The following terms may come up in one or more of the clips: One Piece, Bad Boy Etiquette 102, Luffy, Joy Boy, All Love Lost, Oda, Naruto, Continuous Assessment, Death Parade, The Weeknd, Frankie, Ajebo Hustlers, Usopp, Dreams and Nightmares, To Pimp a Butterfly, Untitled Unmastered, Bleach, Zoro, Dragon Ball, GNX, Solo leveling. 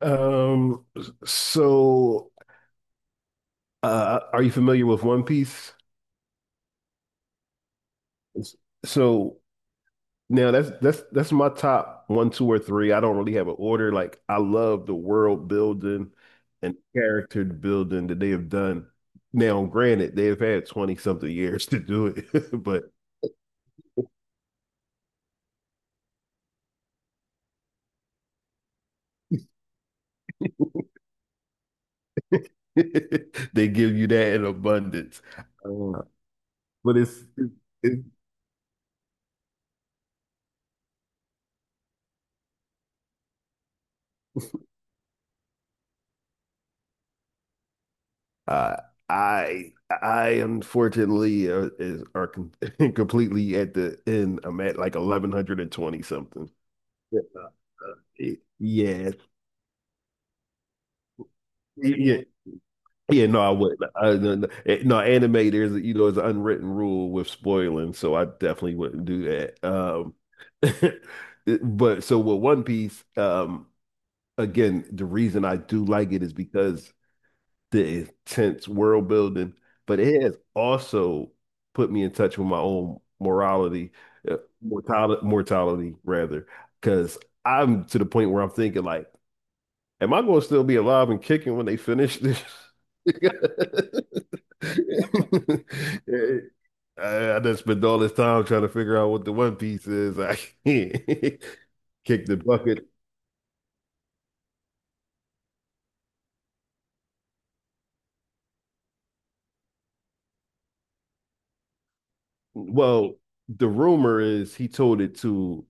Um, so are you familiar with One Piece? So now that's my top one, two, or three. I don't really have an order. Like, I love the world building and character building that they have done. Now, granted, they have had 20 something years to do it, but they give you that in abundance. Uh, but it's Uh, I I unfortunately is are com completely at the end. I'm at like 1120 something. Yeah. Yeah. Yeah. Yeah. Yeah, no, I wouldn't. I, no, no, eh, no, anime, there's it's an unwritten rule with spoiling, so I definitely wouldn't do that. But with One Piece, again, the reason I do like it is because the intense world building, but it has also put me in touch with my own morality, uh, mortality, mortality rather, because I'm to the point where I'm thinking, like, am I going to still be alive and kicking when they finish this? I done spent all this time trying to figure out what the One Piece is. I can't kick the bucket. Well, the rumor is he told it to,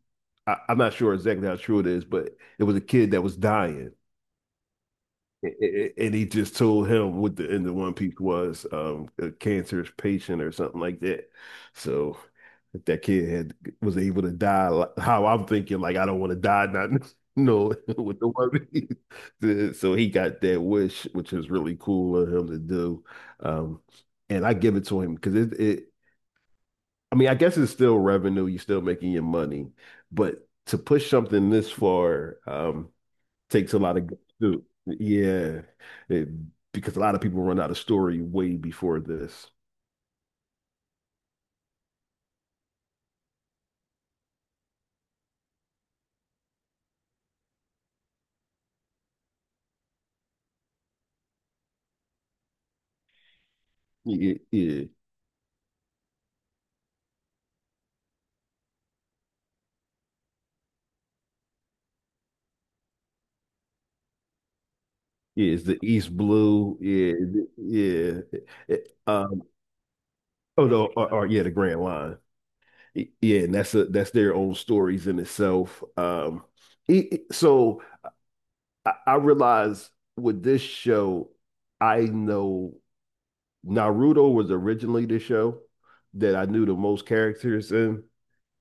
I'm not sure exactly how true it is, but it was a kid that was dying. And he just told him what the end of One Piece was, a cancerous patient or something like that. So if that kid had was able to die, like, how I'm thinking, like, I don't want to die, not no with the One Piece. So he got that wish, which is really cool of him to do. Um, and I give it to him because it, I mean, I guess it's still revenue. You're still making your money, but to push something this far takes a lot of guts, too. Yeah. It- because a lot of people run out of story way before this. Yeah, yeah, yeah. It's the East Blue. Yeah, yeah. It- um, oh no, or yeah, the Grand Line. Y- Yeah, and that's their own stories in itself. So I realize with this show, I know. Naruto was originally the show that I knew the most characters in,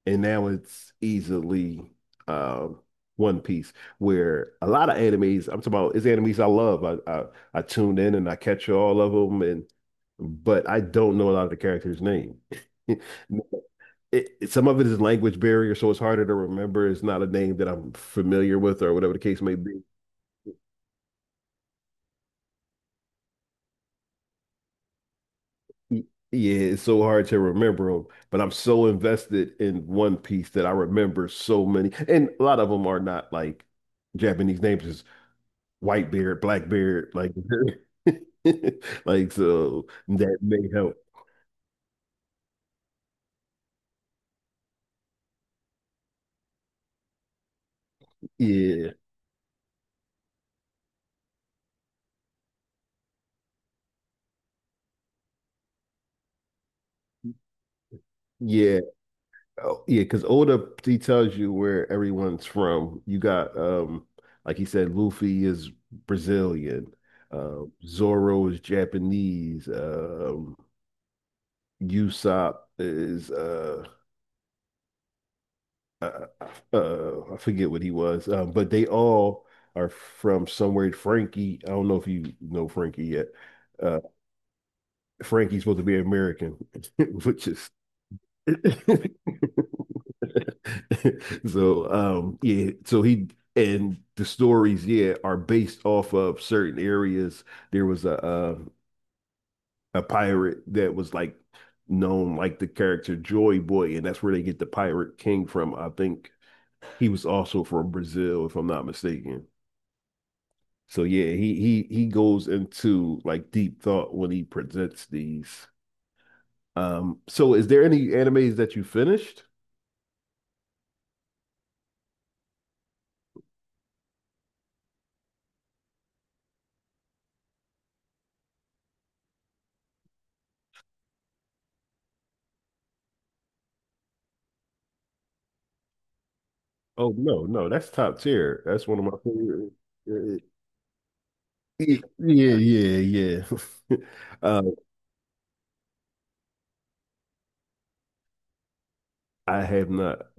and now it's easily um, One Piece, where a lot of animes, I'm talking about, it's animes I love. I tune in and I catch all of them, and but I don't know a lot of the characters' name. Some of it is language barrier, so it's harder to remember. It's not a name that I'm familiar with, or whatever the case may be. Y- Yeah, it's so hard to remember them, but I'm so invested in One Piece that I remember so many. And a lot of them are not like Japanese names, it's white beard, black beard, like like, so that may help. Yeah. Yeah. Oh, yeah, because Oda, he tells you where everyone's from. You got like he said, Luffy is Brazilian, Zoro is Japanese, Usopp is uh, I forget what he was, but they all are from somewhere. Frankie, I don't know if you know Frankie yet. Uh, Frankie's supposed to be American, which is so. Yeah, so he and the stories, yeah, are based off of certain areas. There was a pirate that was like known like the character Joy Boy, and that's where they get the Pirate King from. I think he was also from Brazil, if I'm not mistaken. So yeah, he goes into like deep thought when he presents these. So is there any animes that you finished? Oh no, no, that's top tier. That's one of my favorite. Yeah, yeah, yeah. Yeah. Uh, I have not.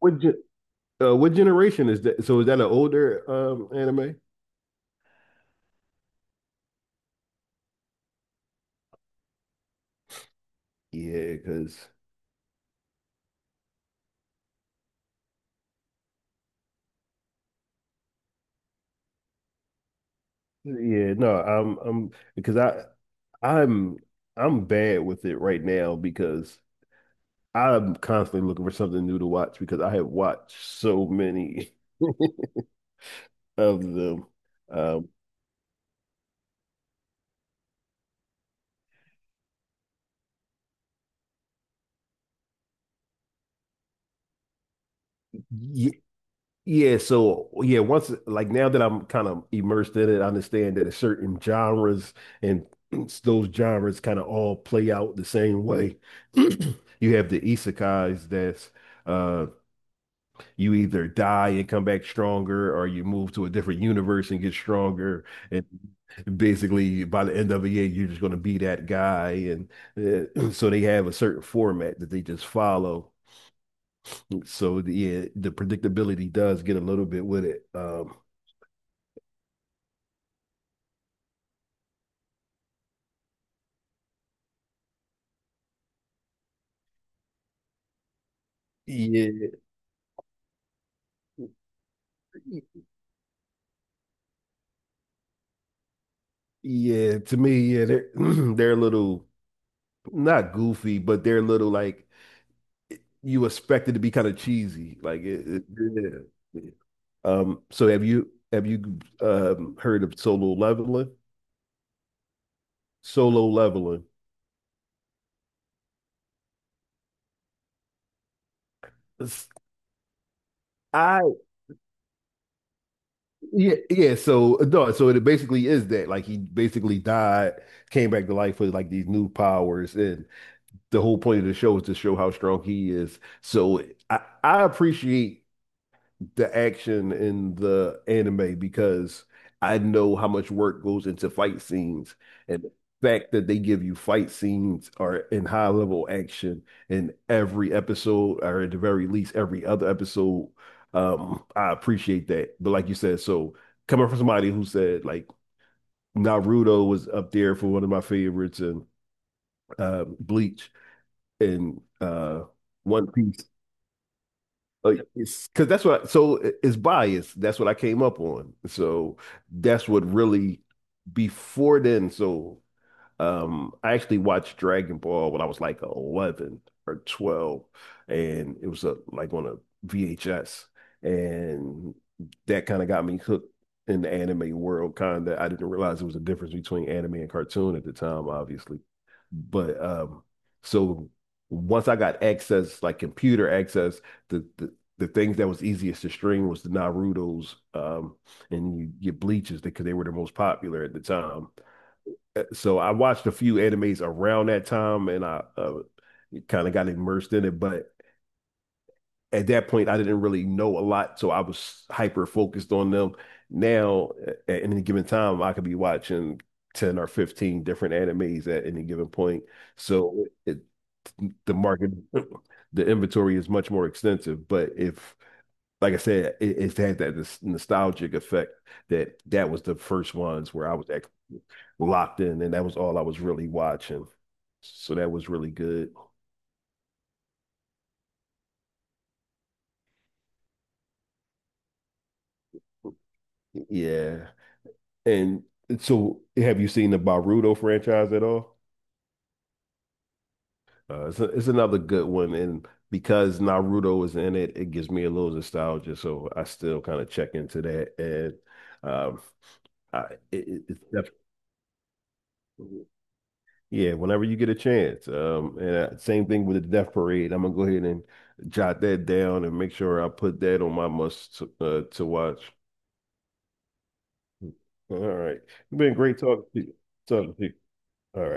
What ge- what generation is that? So is that an older anime? Yeah, because yeah, no, I'm because I'm I'm bad with it right now because I'm constantly looking for something new to watch because I have watched so many of them. Um, yeah, yeah, so, yeah, once, like, now that I'm kind of immersed in it, I understand that it's certain genres and those genres kind of all play out the same way. You have the isekais that's uh you either die and come back stronger, or you move to a different universe and get stronger. And basically, by the end of the year, you're just going to be that guy. And so they have a certain format that they just follow. Yeah, the predictability does get a little bit with it. Yeah, yeah. To me, yeah, they're they're a little not goofy, but they're a little like you expect it to be kind of cheesy. Yeah. So have you heard of solo leveling? Solo leveling. I Yeah, yeah. So no, so it basically is that, like, he basically died, came back to life with like these new powers, and the whole point of the show is to show how strong he is. So I appreciate the action in the anime because I know how much work goes into fight scenes and the fact that they give you fight scenes are in high level action in every episode or at the very least every other episode. I appreciate that. But like you said, so coming from somebody who said, like, Naruto was up there for one of my favorites and Bleach and One Piece. Like, it's because that's what I, so it's bias. That's what I came up on. So that's what really before then. So I actually watched Dragon Ball when I was like 11 or 12, and it was a, like on a VHS, and that kind of got me hooked in the anime world. Kind of, I didn't realize there was a difference between anime and cartoon at the time, obviously. But so once I got access, like computer access, the things that was easiest to stream was the Naruto's and you get Bleaches because they were the most popular at the time. So I watched a few animes around that time, and I kind of got immersed in it. But at that point, I didn't really know a lot, so I was hyper focused on them. Now, at any given time, I could be watching 10 or 15 different animes at any given point. So it, the market, the inventory is much more extensive. But if, like I said, it had that nostalgic effect that that was the first ones where I was locked in, and that was all I was really watching. So that was really good. Yeah. And so have you seen the Naruto franchise at all? It's another good one. And because Naruto is in it, it gives me a little nostalgia. So I still kind of check into that. And I, it- It's definitely. Yeah, whenever you get a chance. And Same thing with the Death Parade. I'm gonna go ahead and jot that down and make sure I put that on my must to watch. All right, it's been great talking to you. Talking to you. All right.